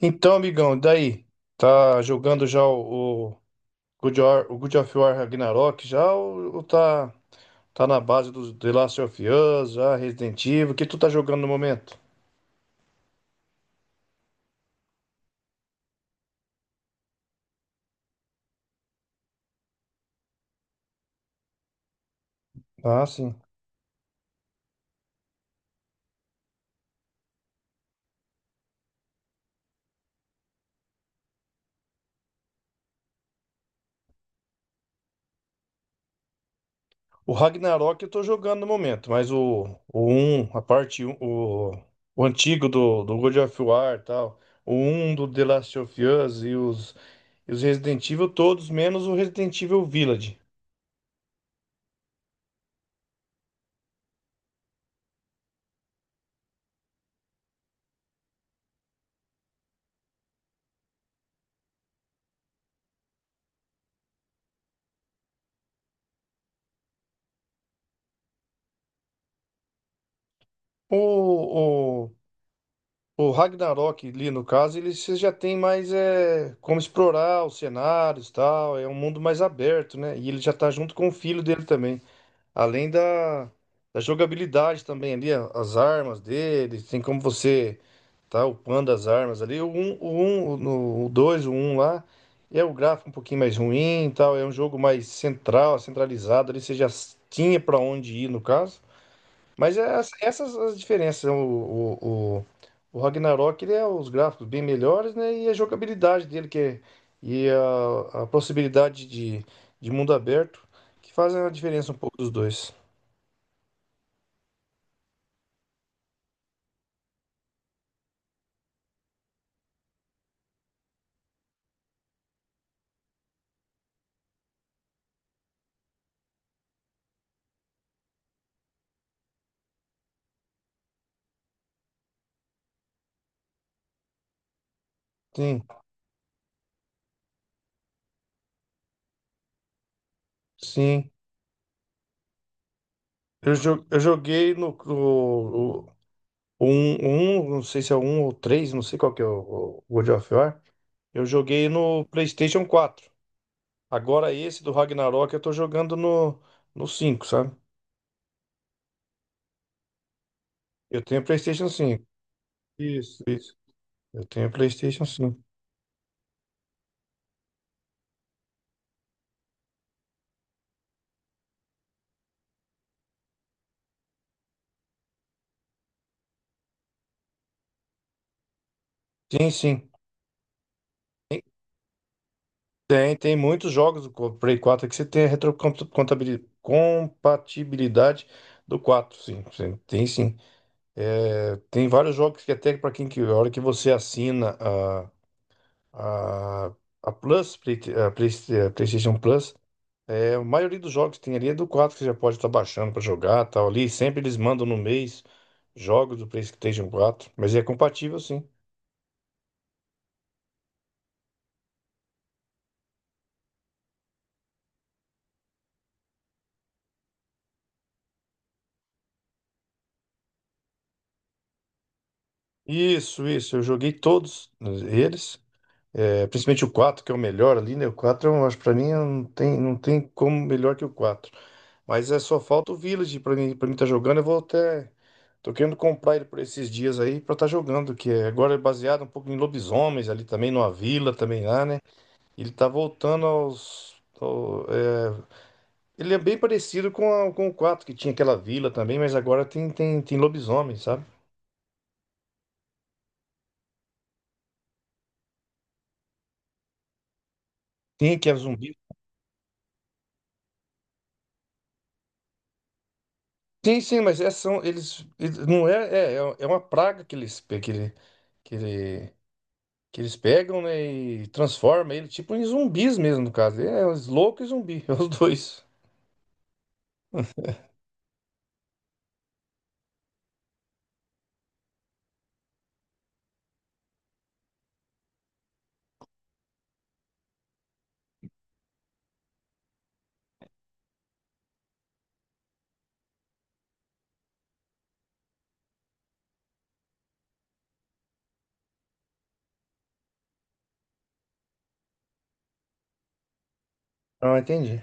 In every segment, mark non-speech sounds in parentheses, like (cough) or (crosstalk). Então, amigão, daí? Tá jogando já o o God of War Ragnarok já ou tá na base do The Last of Us, já Resident Evil? O que tu tá jogando no momento? Ah, sim. O Ragnarok eu tô jogando no momento, mas o 1, a parte 1, o antigo do God of War e tal, o um do The Last of Us e os Resident Evil todos, menos o Resident Evil Village. O, O Ragnarok ali, no caso, ele você já tem mais é, como explorar os cenários e tal. É um mundo mais aberto, né? E ele já tá junto com o filho dele também. Além da jogabilidade também ali, as armas dele, tem como você tá upando as armas ali. O um, o no- o 2, o 1 lá, é o gráfico um pouquinho mais ruim e tal. É um jogo mais central, centralizado ali. Você já tinha pra onde ir, no caso. Mas é essas as diferenças. O Ragnarok, ele é os gráficos bem melhores, né? E a jogabilidade dele, que é, e a possibilidade de mundo aberto, que fazem a diferença um pouco dos dois. Sim, sim. Eu joguei um, um, não sei se é o um ou três, não sei qual que é o God of War. Eu joguei no PlayStation quatro. Agora esse do Ragnarok eu tô jogando no cinco, sabe? Eu tenho PlayStation cinco. Isso, isso. Eu tenho PlayStation 5. Sim, sim. Tem muitos jogos do Play 4 que você tem a retrocompatibilidade do quatro, sim. Sim, tem, sim. É, tem vários jogos que até para quem que a hora que você assina a, a, a Plus, a PlayStation Plus, é, a maioria dos jogos que tem ali é do 4 que você já pode estar baixando para jogar, tal ali. Sempre eles mandam no mês jogos do PlayStation quatro, mas é compatível, sim. Isso, isso. Eu joguei todos eles, é, principalmente o 4 que é o melhor ali, né? O 4. Eu acho, pra mim, não tem, como melhor que o 4. Mas é só falta o Village pra mim tá jogando. Eu vou até. Tô querendo comprar ele por esses dias aí pra tá jogando, agora é baseado um pouco em lobisomens ali também, numa vila também lá, né? Ele tá voltando aos. ao- é, Ele é bem parecido com o 4 que tinha aquela vila também, mas agora tem lobisomens, sabe? Tem que é zumbi. Sim, sim, mas é, são, não é uma praga que eles, pe- que ele, que ele, que eles pegam, né, e transforma ele tipo em zumbis mesmo, no caso. É, os loucos e zumbi, (laughs) é os dois. Ah, entendi.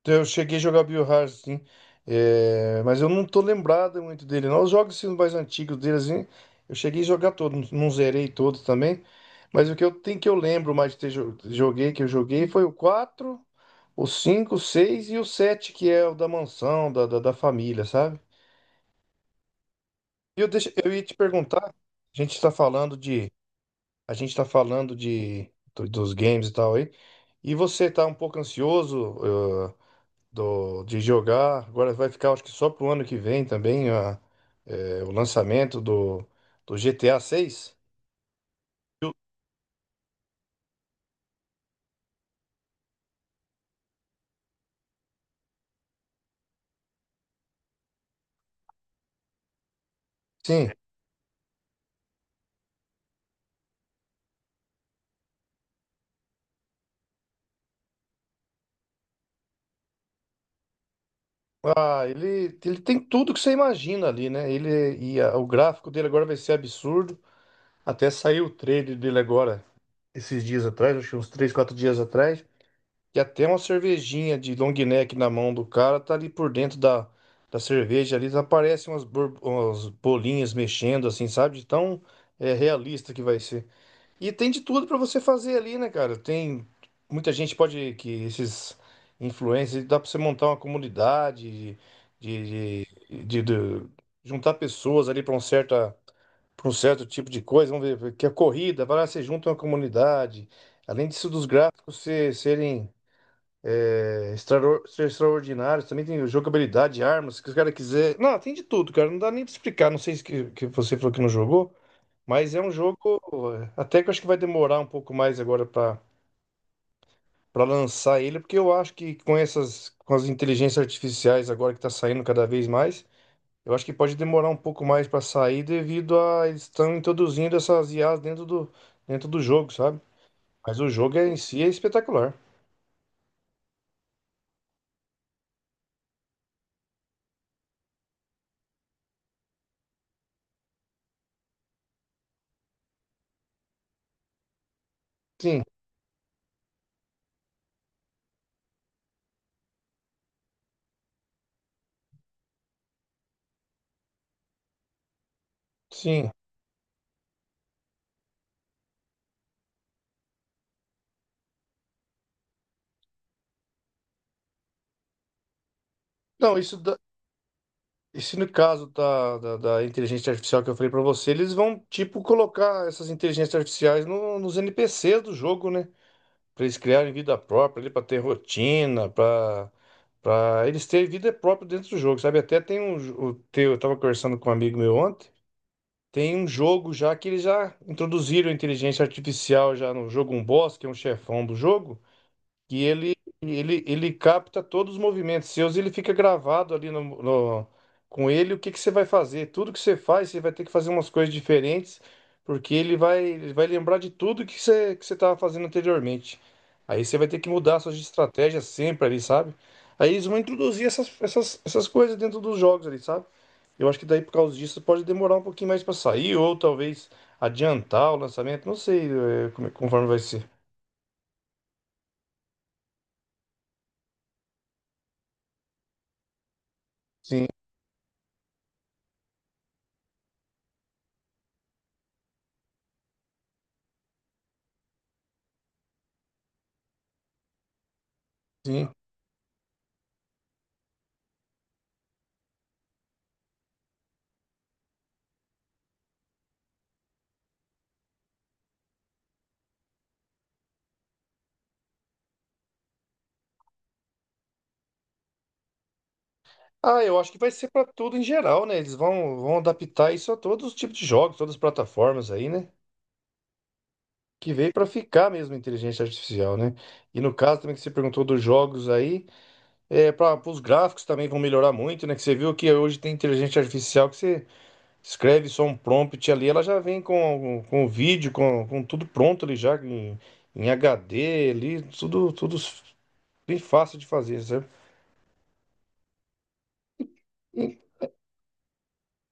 Então, eu cheguei a jogar Biohazard, sim. É, mas eu não tô lembrado muito dele, não. Os jogos assim, mais antigos dele, assim, eu cheguei a jogar todos, não zerei todos também. Mas o que eu tenho que eu lembro mais de ter joguei, que eu joguei, foi o 4, o 5, o 6 e o 7 que é o da mansão, da família, sabe? E eu, deixo, eu ia te perguntar, a gente está falando de. A gente tá falando dos games e tal aí. E você tá um pouco ansioso de jogar. Agora vai ficar, acho que só pro ano que vem também, o lançamento do GTA 6. Sim. Ah, ele tem tudo que você imagina ali, né? O gráfico dele agora vai ser absurdo. Até saiu o trailer dele agora, esses dias atrás, acho que uns 3 4 dias atrás. E até uma cervejinha de long neck na mão do cara tá ali por dentro da cerveja ali. Aparecem umas bolinhas mexendo, assim, sabe? De tão realista que vai ser. E tem de tudo pra você fazer ali, né, cara? Tem muita gente pode que esses influencers dá pra você montar uma comunidade de, de, de juntar pessoas ali pra um certo para um certo tipo de coisa. Vamos ver que a corrida, vai lá, você junta uma comunidade. Além disso, dos gráficos ser extraordinários, também tem jogabilidade, armas, se os caras quiser. Não, tem de tudo, cara. Não dá nem pra explicar. Não sei se que você falou que não jogou. Mas é um jogo até que eu acho que vai demorar um pouco mais agora para lançar ele, porque eu acho que com as inteligências artificiais agora que tá saindo cada vez mais, eu acho que pode demorar um pouco mais para sair devido a eles estão introduzindo essas IAs dentro do jogo, sabe? Mas o jogo em si é espetacular. Sim, sim. Não, isso no caso da inteligência artificial que eu falei pra você, eles vão tipo colocar essas inteligências artificiais nos NPCs do jogo, né? Para eles criarem vida própria, ali para ter rotina, para eles terem vida própria dentro do jogo, sabe? Até tem o teu, eu tava conversando com um amigo meu ontem, tem um jogo já que eles já introduziram inteligência artificial já no jogo, um boss, que é um chefão do jogo que ele capta todos os movimentos seus e ele fica gravado ali com ele o que que você vai fazer. Tudo que você faz, você vai ter que fazer umas coisas diferentes, porque ele vai lembrar de tudo que você estava fazendo anteriormente. Aí você vai ter que mudar suas estratégias sempre ali, sabe? Aí eles vão introduzir essas coisas dentro dos jogos ali, sabe? Eu acho que daí por causa disso pode demorar um pouquinho mais para sair, ou talvez adiantar o lançamento, não sei, conforme vai ser. Sim, sim. Ah, eu acho que vai ser pra tudo em geral, né? Eles vão adaptar isso a todos os tipos de jogos, todas as plataformas aí, né? Que veio pra ficar mesmo a inteligência artificial, né? E no caso também que você perguntou dos jogos aí, é, para os gráficos também vão melhorar muito, né? Que você viu que hoje tem inteligência artificial que você escreve só um prompt ali, ela já vem com o vídeo, com tudo pronto ali já, em HD ali, tudo bem fácil de fazer, sabe? E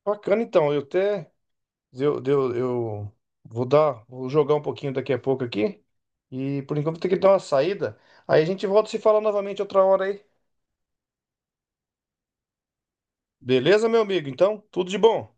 bacana então, eu até. Eu vou jogar um pouquinho daqui a pouco aqui. E por enquanto tem que dar uma saída. Aí a gente volta a se falar novamente outra hora aí. Beleza, meu amigo? Então, tudo de bom.